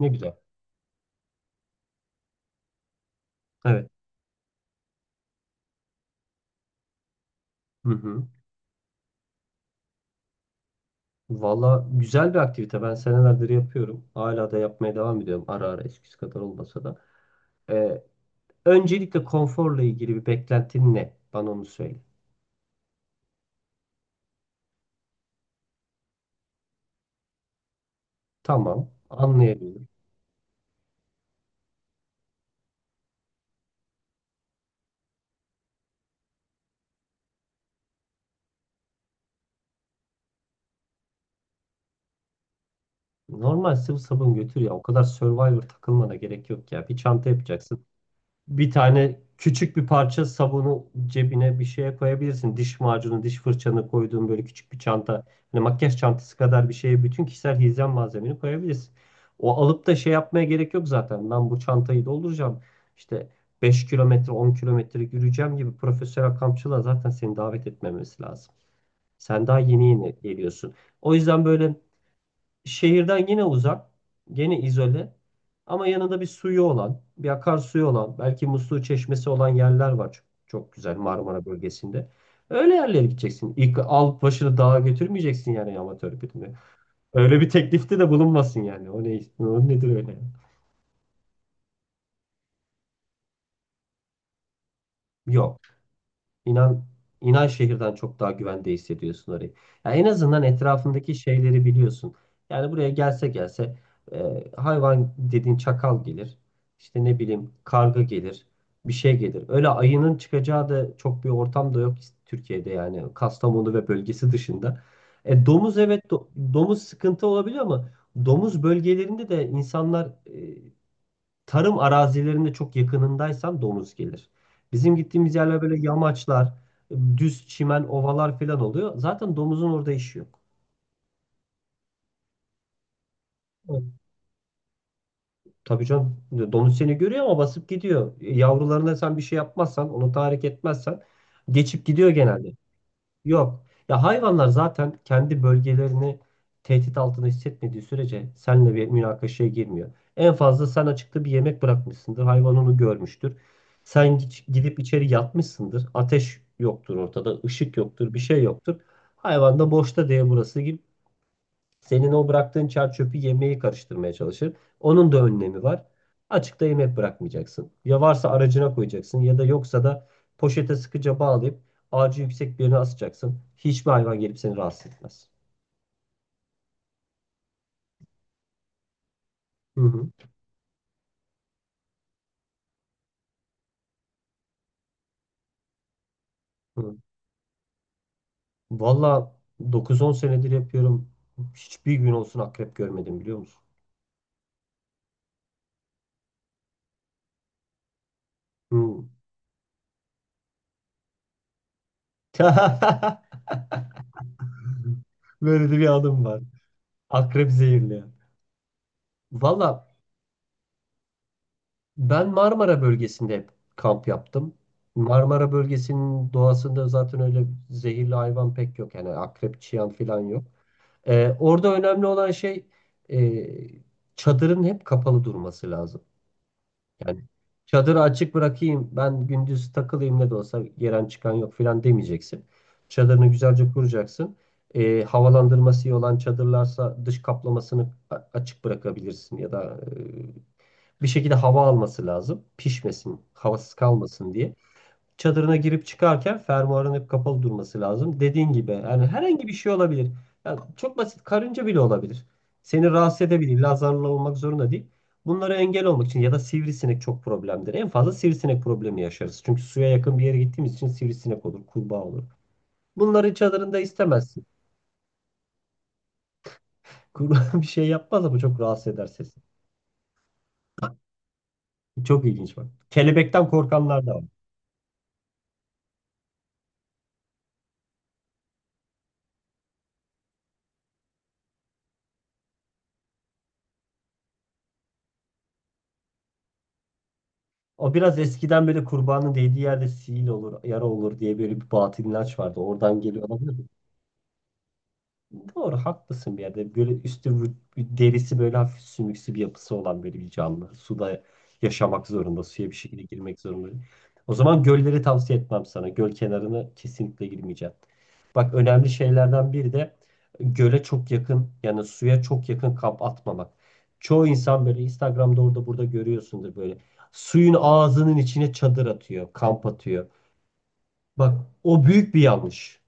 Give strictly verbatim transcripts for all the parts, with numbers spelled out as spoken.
Ne güzel. Evet. Hı hı. Valla güzel bir aktivite. Ben senelerdir yapıyorum. Hala da yapmaya devam ediyorum. Ara ara eskisi kadar olmasa da. Ee, öncelikle konforla ilgili bir beklentin ne? Bana onu söyle. Tamam. Anlayabilirim. Normal sıvı sabun götür ya. O kadar Survivor takılmana gerek yok ya. Bir çanta yapacaksın. Bir tane küçük bir parça sabunu cebine bir şeye koyabilirsin. Diş macunu, diş fırçanı koyduğun böyle küçük bir çanta. Hani makyaj çantası kadar bir şeye bütün kişisel hijyen malzemeni koyabilirsin. O alıp da şey yapmaya gerek yok zaten. Ben bu çantayı dolduracağım. İşte beş kilometre, on kilometre yürüyeceğim gibi profesyonel kampçılığa zaten seni davet etmemesi lazım. Sen daha yeni yeni geliyorsun. O yüzden böyle şehirden yine uzak, gene izole ama yanında bir suyu olan, bir akarsuyu olan, belki musluğu çeşmesi olan yerler var. Çok, çok güzel Marmara bölgesinde. Öyle yerlere gideceksin. İlk al başını dağa götürmeyeceksin yani amatör birine. Öyle bir teklifte de bulunmasın yani. O ne, o nedir öyle? Yok. İnan, inan şehirden çok daha güvende hissediyorsun orayı. Ya en azından etrafındaki şeyleri biliyorsun. Yani buraya gelse gelse e, hayvan dediğin çakal gelir. İşte ne bileyim karga gelir. Bir şey gelir. Öyle ayının çıkacağı da çok bir ortam da yok Türkiye'de yani Kastamonu ve bölgesi dışında. E, domuz evet do- domuz sıkıntı olabiliyor ama domuz bölgelerinde de insanlar e, Tarım arazilerinde çok yakınındaysan domuz gelir. Bizim gittiğimiz yerler böyle yamaçlar, düz çimen, ovalar falan oluyor. Zaten domuzun orada işi yok. Evet. Tabii canım domuz seni görüyor ama basıp gidiyor. Yavrularına sen bir şey yapmazsan, onu tahrik etmezsen geçip gidiyor genelde. Yok. Ya hayvanlar zaten kendi bölgelerini tehdit altında hissetmediği sürece seninle bir münakaşaya girmiyor. En fazla sen açıkta bir yemek bırakmışsındır. Hayvan onu görmüştür. Sen gi- gidip içeri yatmışsındır. Ateş yoktur ortada, ışık yoktur, bir şey yoktur. Hayvan da boşta diye burası gibi senin o bıraktığın çer çöpü yemeği karıştırmaya çalışır. Onun da önlemi var. Açıkta yemek bırakmayacaksın. Ya varsa aracına koyacaksın ya da yoksa da poşete sıkıca bağlayıp ağacı yüksek bir yerine asacaksın. Hiçbir hayvan gelip seni rahatsız etmez. Hı hı. Hı. Valla dokuz on senedir yapıyorum. Hiçbir gün olsun akrep görmedim biliyor musun? Hı. Böyle de bir anım var. Akrep zehirli. Valla ben Marmara bölgesinde hep kamp yaptım. Marmara bölgesinin doğasında zaten öyle zehirli hayvan pek yok. Yani akrep, çıyan falan yok. Ee, orada önemli olan şey e, çadırın hep kapalı durması lazım. Yani çadırı açık bırakayım ben gündüz takılayım ne de olsa gelen çıkan yok falan demeyeceksin. Çadırını güzelce kuracaksın. Ee, havalandırması iyi olan çadırlarsa dış kaplamasını a- açık bırakabilirsin ya da e, bir şekilde hava alması lazım. Pişmesin, havasız kalmasın diye. Çadırına girip çıkarken fermuarın hep kapalı durması lazım. Dediğin gibi yani herhangi bir şey olabilir. Yani çok basit karınca bile olabilir. Seni rahatsız edebilir. İlla zararlı olmak zorunda değil. Bunlara engel olmak için ya da sivrisinek çok problemdir. En fazla sivrisinek problemi yaşarız. Çünkü suya yakın bir yere gittiğimiz için sivrisinek olur, kurbağa olur. Bunları çadırında istemezsin. Kurbağa bir şey yapmaz ama çok rahatsız eder sesi. Çok ilginç bak. Kelebekten korkanlar da var. O biraz eskiden böyle kurbanın değdiği yerde sihir olur, yara olur diye böyle bir batıl inanç vardı. Oradan geliyor olabilir mi? Doğru haklısın bir yerde. Böyle üstü vü- derisi böyle hafif sümüksü bir yapısı olan böyle bir canlı. Suda yaşamak zorunda. Suya bir şekilde girmek zorunda. O zaman gölleri tavsiye etmem sana. Göl kenarına kesinlikle girmeyeceğim. Bak önemli şeylerden biri de göle çok yakın yani suya çok yakın kamp atmamak. Çoğu insan böyle Instagram'da orada burada görüyorsundur böyle. Suyun ağzının içine çadır atıyor, kamp atıyor. Bak, o büyük bir yanlış.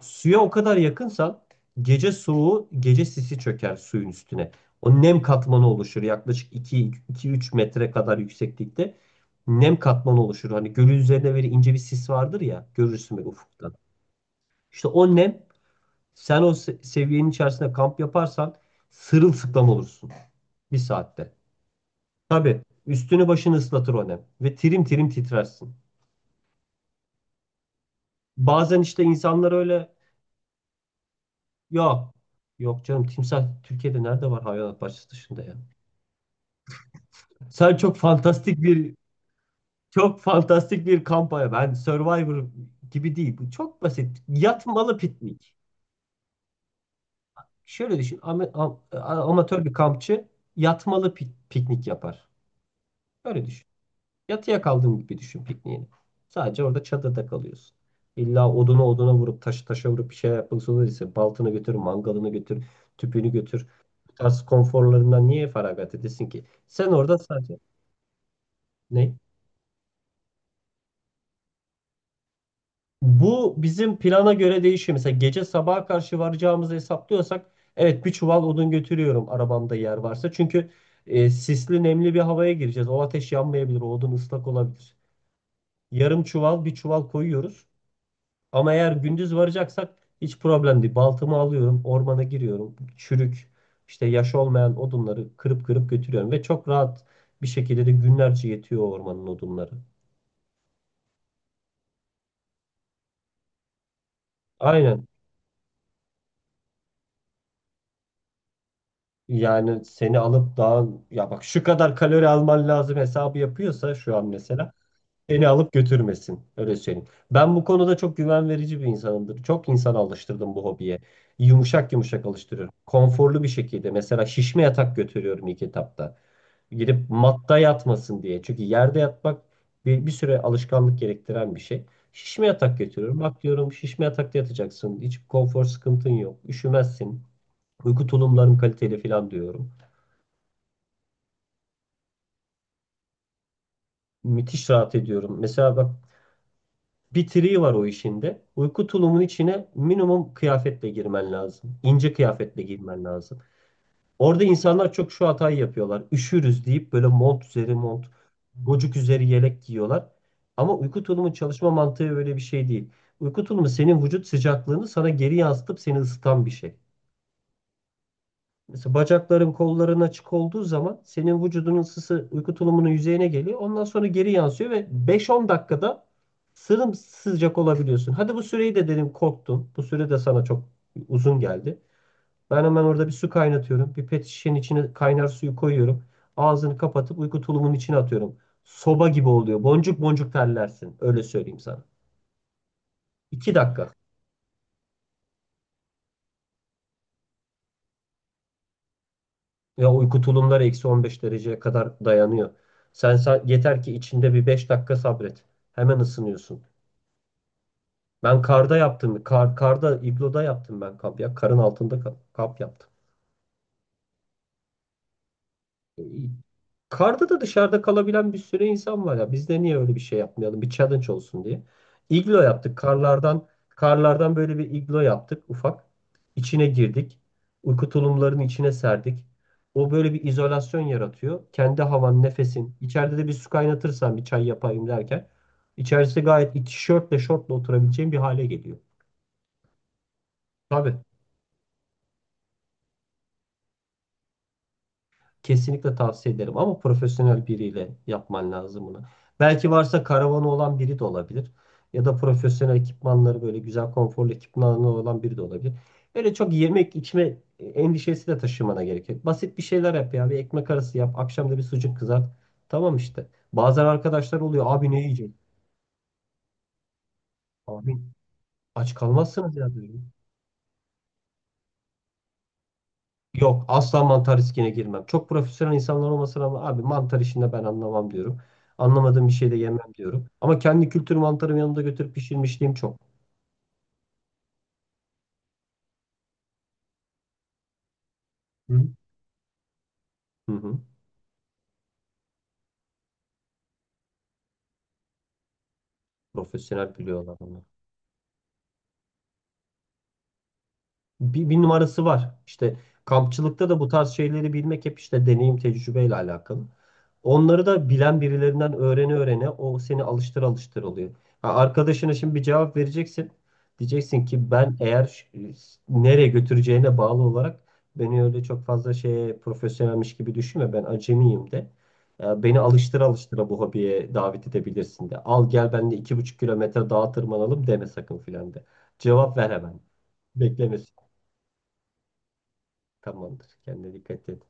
Suya o kadar yakınsan gece soğuğu, gece sisi çöker suyun üstüne. O nem katmanı oluşur yaklaşık iki üç metre kadar yükseklikte. Nem katmanı oluşur. Hani gölün üzerinde böyle ince bir sis vardır ya görürsün böyle ufuktan. İşte o nem sen o se- seviyenin içerisinde kamp yaparsan sırılsıklam olursun bir saatte. Tabii üstünü başını ıslatır o nem ve tirim tirim titrersin. Bazen işte insanlar öyle Yok. Yok canım, timsah Türkiye'de nerede var hayvanat bahçesi dışında ya? Sen çok fantastik bir çok fantastik bir kampanya. Ben Survivor gibi değil. Bu çok basit. Yatmalı piknik. Şöyle düşün. ama- am- a- amatör bir kampçı yatmalı pik- piknik yapar. Öyle düşün. Yatıya kaldığın gibi düşün pikniğini. Sadece orada çadırda kalıyorsun. İlla oduna oduna vurup taşı taşa vurup bir şey yapmak zorundaysa baltını götür, mangalını götür, tüpünü götür. Bu tarz konforlarından niye feragat edesin ki? Sen orada sadece ne? Bu bizim plana göre değişiyor. Mesela gece sabaha karşı varacağımızı hesaplıyorsak evet bir çuval odun götürüyorum arabamda yer varsa. Çünkü e, sisli nemli bir havaya gireceğiz. O ateş yanmayabilir, o odun ıslak olabilir. Yarım çuval bir çuval koyuyoruz. Ama eğer gündüz varacaksak hiç problem değil. Baltamı alıyorum, ormana giriyorum. Çürük, işte yaş olmayan odunları kırıp kırıp götürüyorum. Ve çok rahat bir şekilde de günlerce yetiyor o ormanın odunları. Aynen. Yani seni alıp dağın, ya bak, şu kadar kalori alman lazım hesabı yapıyorsa şu an mesela. Beni alıp götürmesin. Öyle söyleyeyim. Ben bu konuda çok güven verici bir insanımdır. Çok insan alıştırdım bu hobiye. Yumuşak yumuşak alıştırıyorum. Konforlu bir şekilde. Mesela şişme yatak götürüyorum ilk etapta. Gidip matta yatmasın diye. Çünkü yerde yatmak bir, bir süre alışkanlık gerektiren bir şey. Şişme yatak götürüyorum. Bak, diyorum şişme yatakta yatacaksın. Hiç konfor sıkıntın yok. Üşümezsin. Uyku tulumların kaliteli falan diyorum. Müthiş rahat ediyorum. Mesela bak, bir triği var o işinde. Uyku tulumun içine minimum kıyafetle girmen lazım. İnce kıyafetle girmen lazım. Orada insanlar çok şu hatayı yapıyorlar. Üşürüz deyip böyle mont üzeri mont, gocuk üzeri yelek giyiyorlar. Ama uyku tulumun çalışma mantığı öyle bir şey değil. Uyku tulumu senin vücut sıcaklığını sana geri yansıtıp seni ısıtan bir şey. Mesela bacakların, kolların açık olduğu zaman senin vücudunun ısısı uyku tulumunun yüzeyine geliyor. Ondan sonra geri yansıyor ve beş on dakikada sımsıcak olabiliyorsun. Hadi bu süreyi de dedim korktum. Bu süre de sana çok uzun geldi. Ben hemen orada bir su kaynatıyorum. Bir pet şişenin içine kaynar suyu koyuyorum. Ağzını kapatıp uyku tulumunun içine atıyorum. Soba gibi oluyor. Boncuk boncuk terlersin. Öyle söyleyeyim sana. iki dakika. Ve uyku tulumları eksi on beş dereceye kadar dayanıyor. Sen, sa- yeter ki içinde bir beş dakika sabret. Hemen ısınıyorsun. Ben karda yaptım. Kar, karda, igloda yaptım ben kamp ya. Karın altında ka- kamp yaptım. Karda da dışarıda kalabilen bir sürü insan var ya. Biz de niye öyle bir şey yapmayalım? Bir challenge olsun diye. İglo yaptık. Karlardan karlardan böyle bir iglo yaptık ufak. İçine girdik. Uyku tulumlarının içine serdik. O böyle bir izolasyon yaratıyor. Kendi havan, nefesin. İçeride de bir su kaynatırsan bir çay yapayım derken. İçerisi gayet iç- tişörtle şortla oturabileceğin bir hale geliyor. Tabii. Kesinlikle tavsiye ederim ama profesyonel biriyle yapman lazım bunu. Belki varsa karavanı olan biri de olabilir. Ya da profesyonel ekipmanları böyle güzel konforlu ekipmanları olan biri de olabilir. Öyle çok yemek içme endişesi de taşımana gerek yok. Basit bir şeyler yap ya. Bir ekmek arası yap. Akşam da bir sucuk kızart. Tamam işte. Bazen arkadaşlar oluyor. Abi ne yiyecek? Abi aç kalmazsınız ya diyorum. Yok, asla mantar riskine girmem. Çok profesyonel insanlar olmasına rağmen abi mantar işinde ben anlamam diyorum. Anlamadığım bir şey de yemem diyorum. Ama kendi kültür mantarımı yanımda götürüp pişirmişliğim çok. Hı hı. Hı hı. Profesyonel biliyorlar onu. bir, bir numarası var. İşte kampçılıkta da bu tarz şeyleri bilmek hep işte deneyim tecrübeyle alakalı. Onları da bilen birilerinden öğrene öğrene o seni alıştır alıştır oluyor. Ha, arkadaşına şimdi bir cevap vereceksin. Diyeceksin ki ben eğer ş- nereye götüreceğine bağlı olarak beni öyle çok fazla şeye profesyonelmiş gibi düşünme, ben acemiyim de. Ya, beni alıştır alıştıra bu hobiye davet edebilirsin de. Al, gel benimle iki buçuk kilometre dağa tırmanalım deme sakın filan de. Cevap ver hemen. Beklemesin. Tamamdır. Kendine dikkat et.